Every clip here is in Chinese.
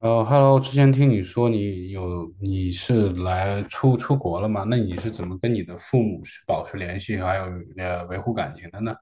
Hello，之前听你说你有你是来出国了吗？那你是怎么跟你的父母是保持联系，还有维护感情的呢？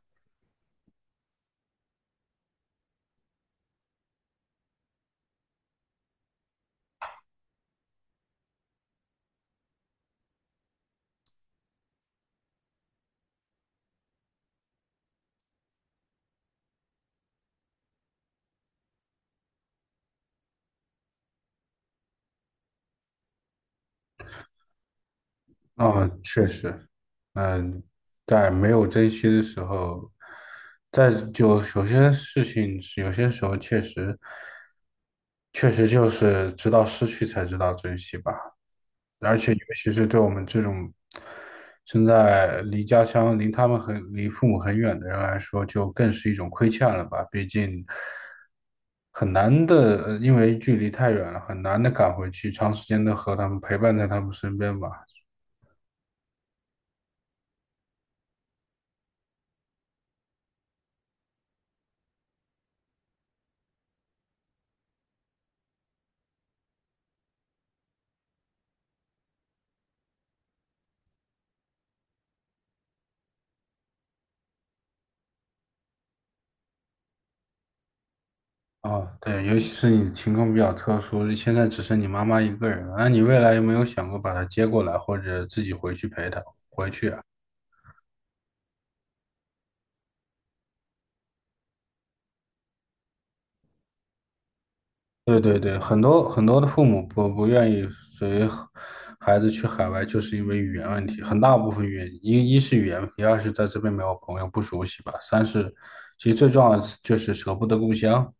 啊，确实。嗯。在没有珍惜的时候，在就有些事情是有些时候确实就是直到失去才知道珍惜吧。而且尤其是对我们这种现在离家乡、离他们很、离父母很远的人来说，就更是一种亏欠了吧？毕竟很难的，因为距离太远了，很难的赶回去，长时间的和他们陪伴在他们身边吧。哦，对，尤其是你情况比较特殊，现在只剩你妈妈一个人了，那你未来有没有想过把她接过来，或者自己回去陪她？对对对，很多很多的父母不愿意随孩子去海外，就是因为语言问题，很大部分原因，一是语言问题，二是在这边没有朋友，不熟悉吧，三是其实最重要的是就是舍不得故乡。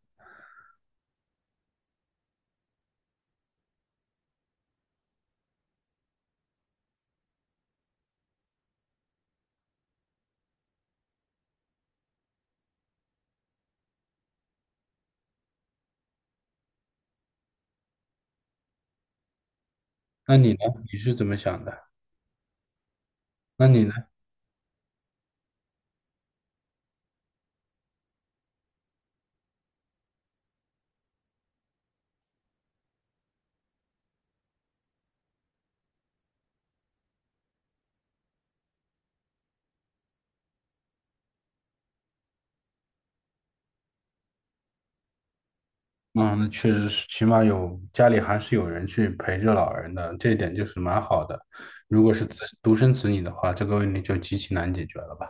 那你呢？你是怎么想的？那你呢？嗯，那确实是，起码有家里还是有人去陪着老人的，这一点就是蛮好的。如果是独生子女的话，这个问题就极其难解决了吧。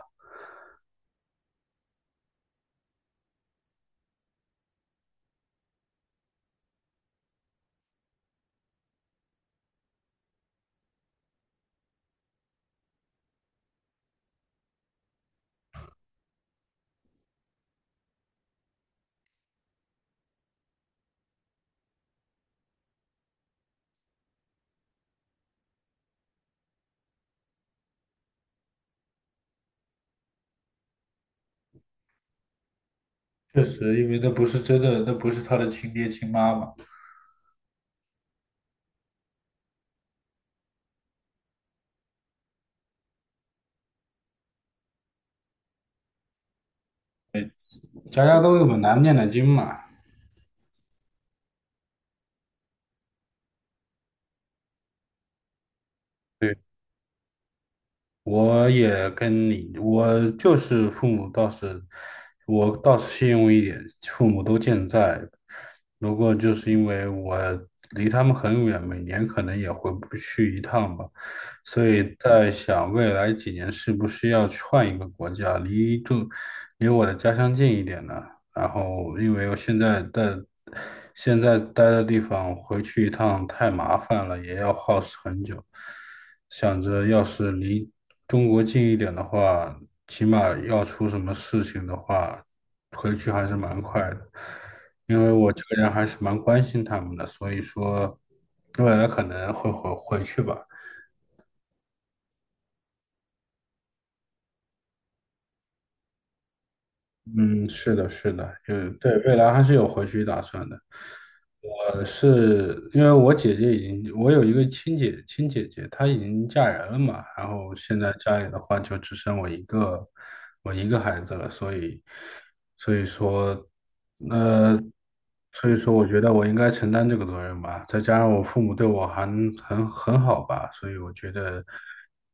确实，因为那不是真的，那不是他的亲爹亲妈嘛。家家都有本难念的经嘛。对，我也跟你，我就是父母倒是，我倒是信用一点，父母都健在。不过就是因为我离他们很远，每年可能也回不去一趟吧。所以在想未来几年是不是要去换一个国家，离我的家乡近一点呢？然后因为我现在待的地方回去一趟太麻烦了，也要耗时很久。想着要是离中国近一点的话，起码要出什么事情的话，回去还是蛮快的。因为我这个人还是蛮关心他们的，所以说未来可能会回去吧。嗯，是的，是的，嗯，对，未来还是有回去打算的。我是因为我姐姐已经，我有一个亲姐姐，她已经嫁人了嘛，然后现在家里的话就只剩我一个，我一个孩子了，所以，所以说，呃，所以说我觉得我应该承担这个责任吧，再加上我父母对我还很好吧，所以我觉得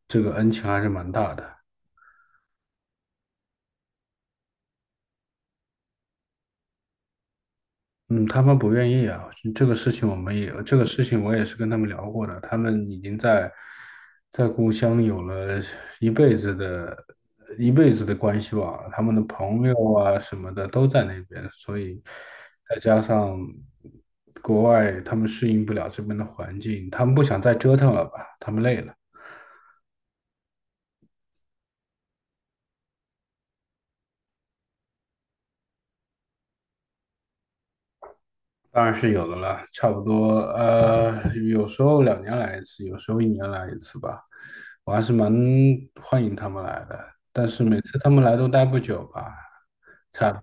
这个恩情还是蛮大的。嗯，他们不愿意啊，这个事情我们也，这个事情我也是跟他们聊过的，他们已经在故乡有了一辈子的一辈子的关系网了他们的朋友啊什么的都在那边，所以再加上国外他们适应不了这边的环境，他们不想再折腾了吧，他们累了。当然是有的了，差不多，呃，有时候两年来一次，有时候一年来一次吧。我还是蛮欢迎他们来的，但是每次他们来都待不久吧，差，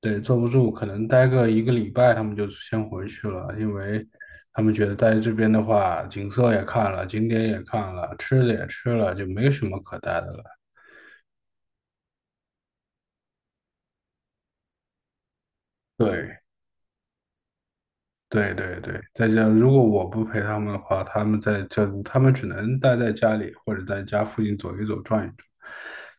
对，坐不住，可能待个一个礼拜，他们就先回去了，因为他们觉得待这边的话，景色也看了，景点也看了，吃的也吃了，就没什么可待的了。对。对对对，再加上如果我不陪他们的话，他们在这，他们只能待在家里或者在家附近走一走、转一转。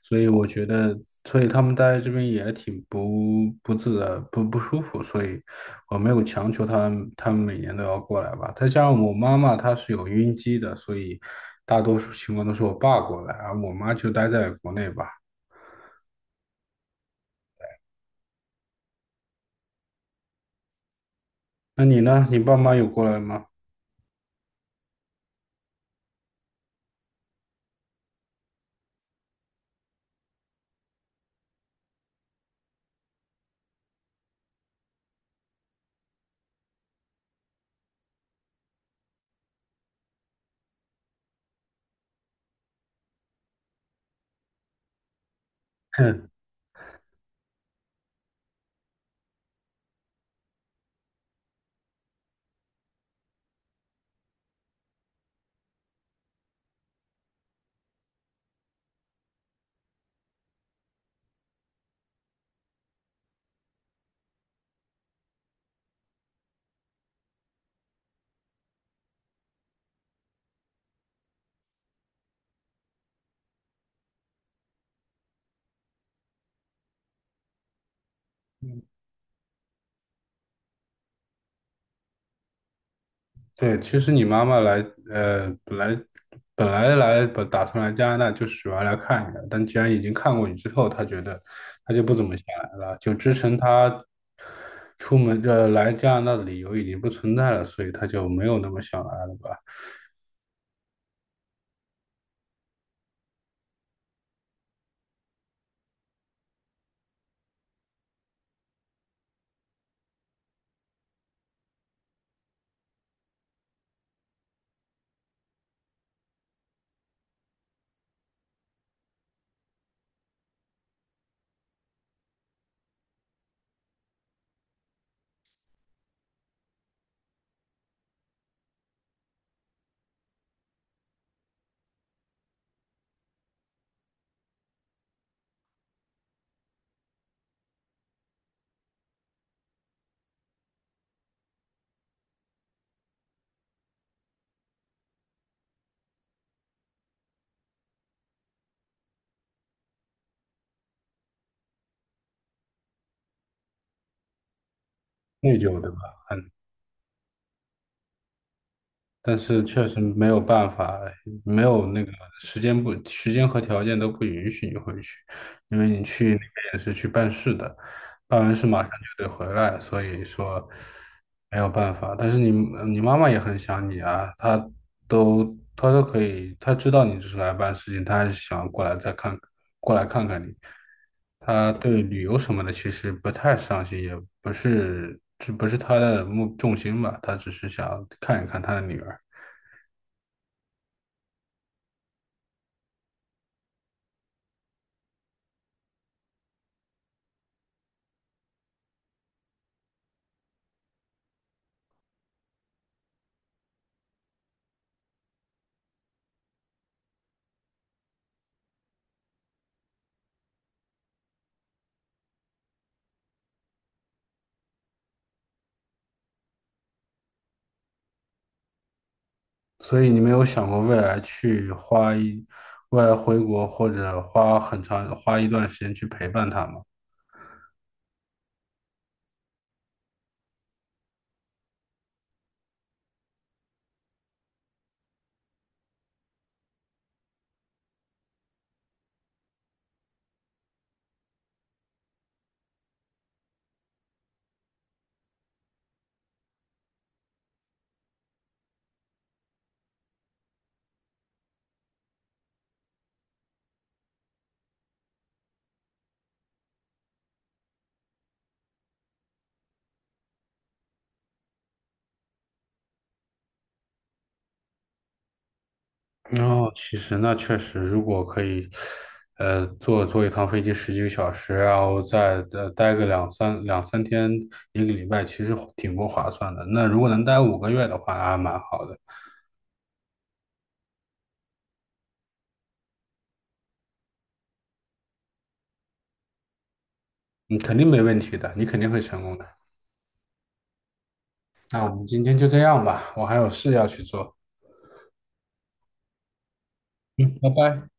所以我觉得，所以他们待在这边也挺不自在、不舒服。所以我没有强求他们每年都要过来吧。再加上我妈妈她是有晕机的，所以大多数情况都是我爸过来，而我妈就待在国内吧。那你呢？你爸妈有过来吗？对，其实你妈妈来，呃，本来本打算来加拿大就是主要来看你的，但既然已经看过你之后，她觉得她就不怎么想来了，就支撑她出门这来加拿大的理由已经不存在了，所以她就没有那么想来了吧，内疚对吧？嗯，但是确实没有办法，没有那个时间不时间和条件都不允许你回去，因为你去那边也是去办事的。办完事马上就得回来，所以说没有办法。但是你你妈妈也很想你啊，都她都可以，她知道你只是来办事情，她还是想过来看看你。她对旅游什么的其实不太上心，也不是她的目重心吧，她只是想看一看她的女儿。所以你没有想过未来去花一，未来回国或者花很长花一段时间去陪伴他吗？哦，其实那确实，如果可以，坐一趟飞机十几个小时，然后再待个两三天，一个礼拜，其实挺不划算的。那如果能待5个月的话，那还蛮好的。你肯定没问题的，你肯定会成功的。那我们今天就这样吧，我还有事要去做，拜拜。